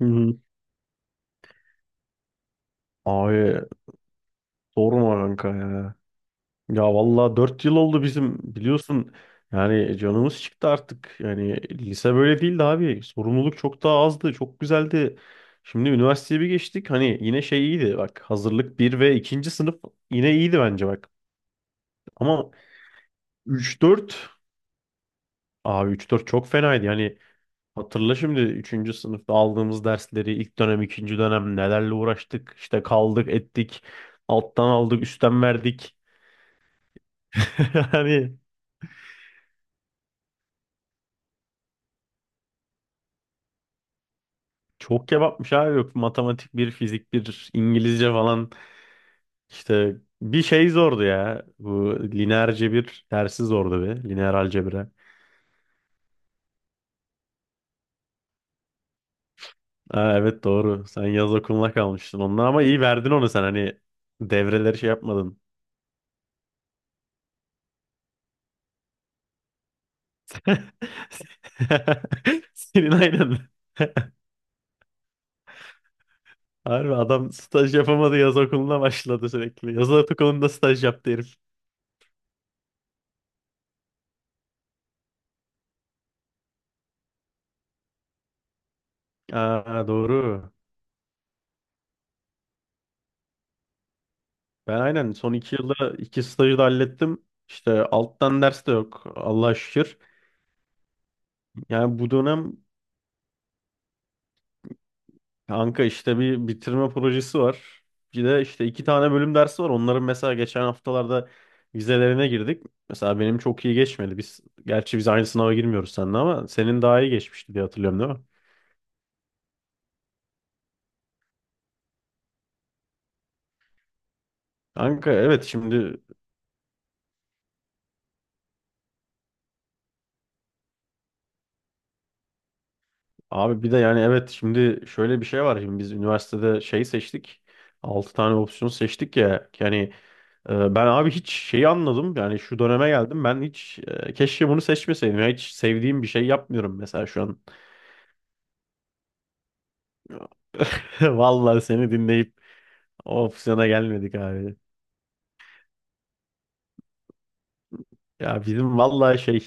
Hı hı. Abi sorma kanka ya. Ya vallahi 4 yıl oldu bizim biliyorsun. Yani canımız çıktı artık. Yani lise böyle değildi abi. Sorumluluk çok daha azdı. Çok güzeldi. Şimdi üniversiteye bir geçtik. Hani yine şey iyiydi. Bak hazırlık bir ve ikinci sınıf yine iyiydi bence bak. Ama üç dört, abi üç dört çok fenaydı. Yani hatırla şimdi üçüncü sınıfta aldığımız dersleri ilk dönem ikinci dönem nelerle uğraştık. İşte kaldık ettik. Alttan aldık üstten verdik. Yani çok kebapmış abi, yok matematik bir fizik bir İngilizce falan işte bir şey zordu ya, bu lineer cebir dersi zordu be, lineer algebra. Aa, evet doğru, sen yaz okuluna kalmıştın onunla ama iyi verdin onu sen, hani devreleri şey yapmadın. Senin aynen. Harbi adam staj yapamadı, yaz okuluna başladı sürekli. Yaz okulunda staj yaptı herif. Aa, doğru. Ben aynen son 2 yılda iki stajı da hallettim. İşte alttan ders de yok, Allah'a şükür. Yani bu dönem kanka işte bir bitirme projesi var. Bir de işte iki tane bölüm dersi var. Onların mesela geçen haftalarda vizelerine girdik. Mesela benim çok iyi geçmedi. Biz gerçi biz aynı sınava girmiyoruz seninle ama senin daha iyi geçmişti diye hatırlıyorum, değil mi? Kanka evet şimdi, abi bir de, yani evet şimdi şöyle bir şey var. Şimdi biz üniversitede şey seçtik. Altı tane opsiyon seçtik ya. Yani ben abi hiç şeyi anladım. Yani şu döneme geldim. Ben hiç keşke bunu seçmeseydim. Ya hiç sevdiğim bir şey yapmıyorum mesela şu an. Vallahi seni dinleyip o opsiyona gelmedik abi. Ya bizim vallahi şey.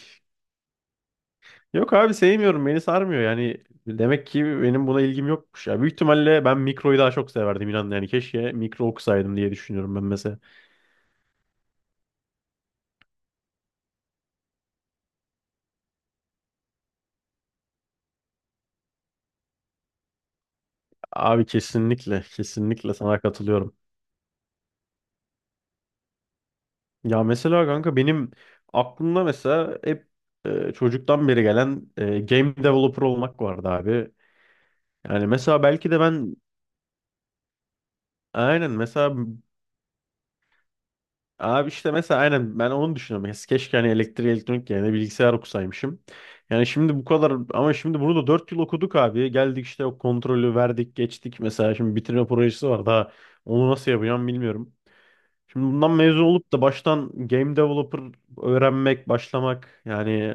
Yok abi sevmiyorum. Beni sarmıyor. Yani demek ki benim buna ilgim yokmuş ya. Büyük ihtimalle ben mikroyu daha çok severdim, inan. Yani keşke mikro okusaydım diye düşünüyorum ben mesela. Abi kesinlikle, kesinlikle sana katılıyorum. Ya mesela kanka benim aklımda mesela hep çocuktan beri gelen game developer olmak vardı abi. Yani mesela belki de ben aynen mesela abi işte mesela aynen ben onu düşünüyorum. Ya keşke hani elektrik elektronik yerine bilgisayar okusaymışım. Yani şimdi bu kadar ama şimdi bunu da 4 yıl okuduk abi. Geldik işte, o kontrolü verdik geçtik, mesela şimdi bitirme projesi var daha, onu nasıl yapacağım bilmiyorum. Şimdi bundan mezun olup da baştan game developer öğrenmek, başlamak yani.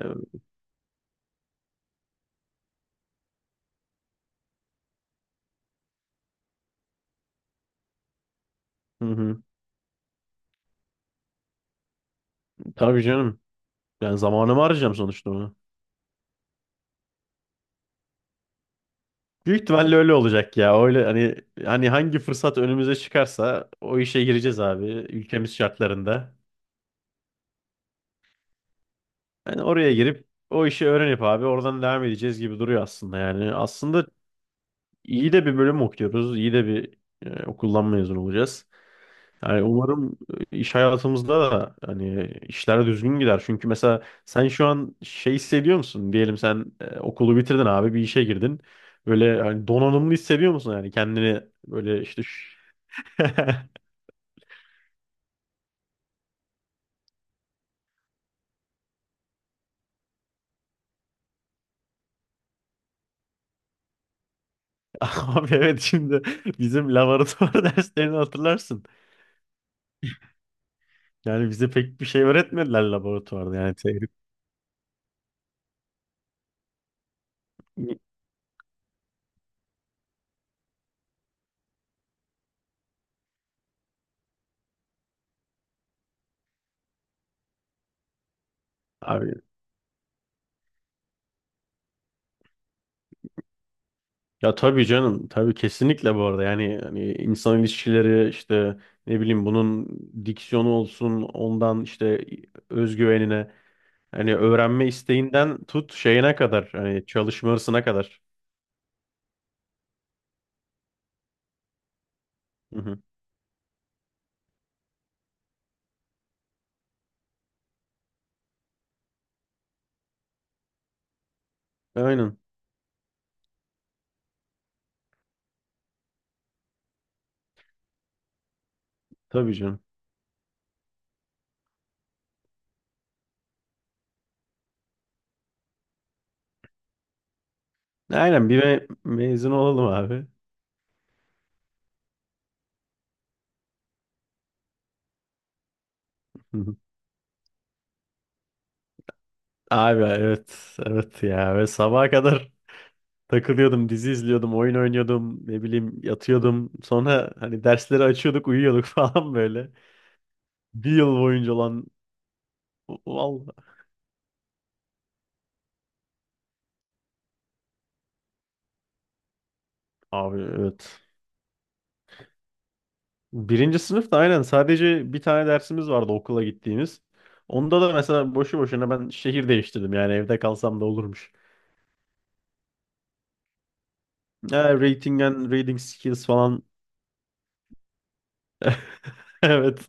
Hı hı. Tabii canım. Yani zamanımı harcayacağım sonuçta onu. Büyük ihtimalle öyle olacak ya. Öyle hani hangi fırsat önümüze çıkarsa o işe gireceğiz abi, ülkemiz şartlarında. Yani oraya girip o işi öğrenip abi oradan devam edeceğiz gibi duruyor aslında yani. Aslında iyi de bir bölüm okuyoruz. İyi de bir okuldan mezun olacağız. Yani umarım iş hayatımızda da hani işler düzgün gider. Çünkü mesela sen şu an şey hissediyor musun? Diyelim sen okulu bitirdin abi, bir işe girdin. Böyle hani donanımlı hissediyor musun yani kendini, böyle işte. Abi evet şimdi bizim laboratuvar derslerini hatırlarsın. Yani bize pek bir şey öğretmediler laboratuvarda, yani teorik. Ya tabii canım, tabii kesinlikle bu arada. Yani hani insan ilişkileri işte ne bileyim, bunun diksiyonu olsun, ondan işte özgüvenine, hani öğrenme isteğinden tut şeyine kadar, hani çalışma hırsına kadar. Hı hı. Aynen. Tabii canım. Aynen bir mezun olalım abi. Hı hı. Abi evet, evet ya, ve sabaha kadar takılıyordum, dizi izliyordum, oyun oynuyordum, ne bileyim yatıyordum. Sonra hani dersleri açıyorduk, uyuyorduk falan böyle. Bir yıl boyunca olan. Vallahi abi evet. Birinci sınıfta aynen sadece bir tane dersimiz vardı okula gittiğimiz. Onda da mesela boşu boşuna ben şehir değiştirdim, yani evde kalsam da olurmuş. Ha, rating and reading skills falan. Evet.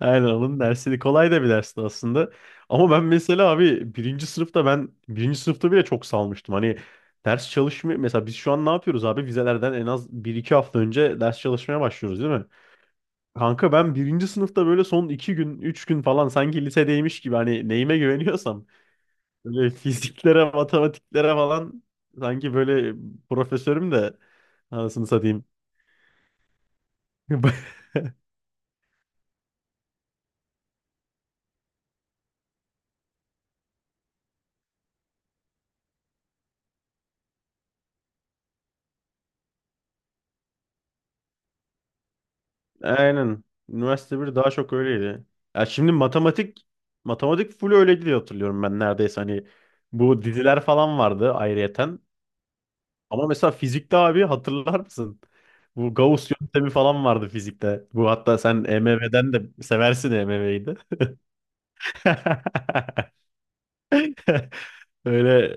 Aynen onun dersiydi. Kolay da bir dersti aslında. Ama ben mesela abi birinci sınıfta, ben birinci sınıfta bile çok salmıştım. Hani ders çalışmıyor. Mesela biz şu an ne yapıyoruz abi? Vizelerden en az bir iki hafta önce ders çalışmaya başlıyoruz, değil mi? Kanka ben birinci sınıfta böyle son 2 gün, 3 gün falan, sanki lisedeymiş gibi, hani neyime güveniyorsam böyle fiziklere, matematiklere falan, sanki böyle profesörüm de, anasını satayım. Aynen. Üniversite bir daha çok öyleydi. Ya şimdi matematik, matematik full öyleydi diye hatırlıyorum ben neredeyse, hani bu diziler falan vardı ayrıyeten. Ama mesela fizikte abi, hatırlar mısın? Bu Gauss yöntemi falan vardı fizikte. Bu hatta sen EMV'den de seversin, EMV'yi de. Öyle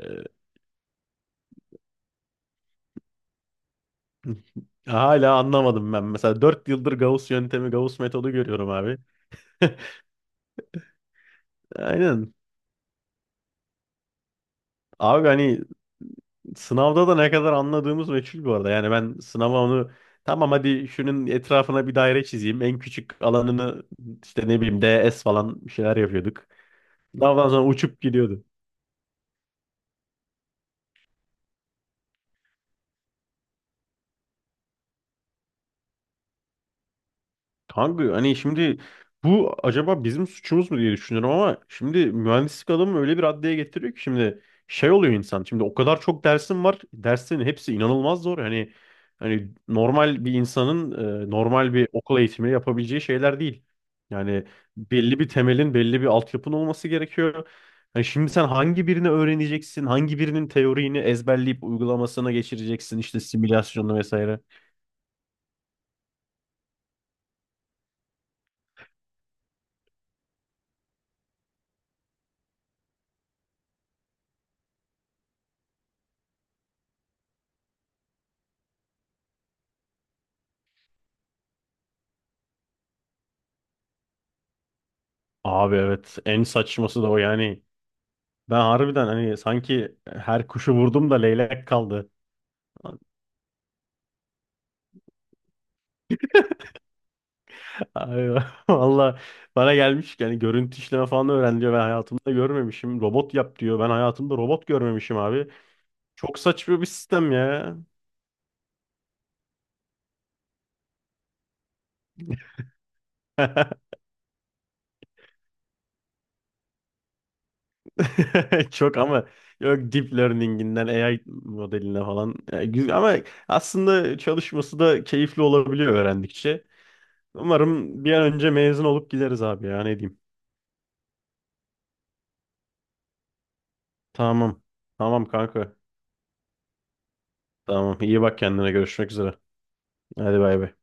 hala anlamadım ben. Mesela 4 yıldır Gauss yöntemi, Gauss metodu görüyorum abi. Aynen. Abi hani sınavda da ne kadar anladığımız meçhul bu arada. Yani ben sınava onu, tamam hadi şunun etrafına bir daire çizeyim. En küçük alanını işte ne bileyim, DS falan bir şeyler yapıyorduk. Sınavdan sonra uçup gidiyordu. Kanka hani şimdi bu acaba bizim suçumuz mu diye düşünüyorum ama şimdi mühendislik adamı öyle bir raddeye getiriyor ki, şimdi şey oluyor insan. Şimdi o kadar çok dersin var. Derslerin hepsi inanılmaz zor. Hani normal bir insanın normal bir okul eğitimi yapabileceği şeyler değil. Yani belli bir temelin, belli bir altyapın olması gerekiyor. Hani şimdi sen hangi birini öğreneceksin? Hangi birinin teorini ezberleyip uygulamasına geçireceksin? İşte simülasyonunu vesaire. Abi evet en saçması da o yani. Ben harbiden hani sanki her kuşu vurdum da leylek kaldı. Ay, valla bana gelmiş yani, görüntü işleme falan öğren diyor. Ben hayatımda görmemişim. Robot yap diyor. Ben hayatımda robot görmemişim abi. Çok saçma bir sistem ya. Çok, ama yok deep learning'inden AI modeline falan. Yani güzel ama aslında çalışması da keyifli olabiliyor öğrendikçe. Umarım bir an önce mezun olup gideriz abi ya, ne diyeyim. Tamam. Tamam kanka. Tamam. iyi bak kendine. Görüşmek üzere. Hadi bay bay.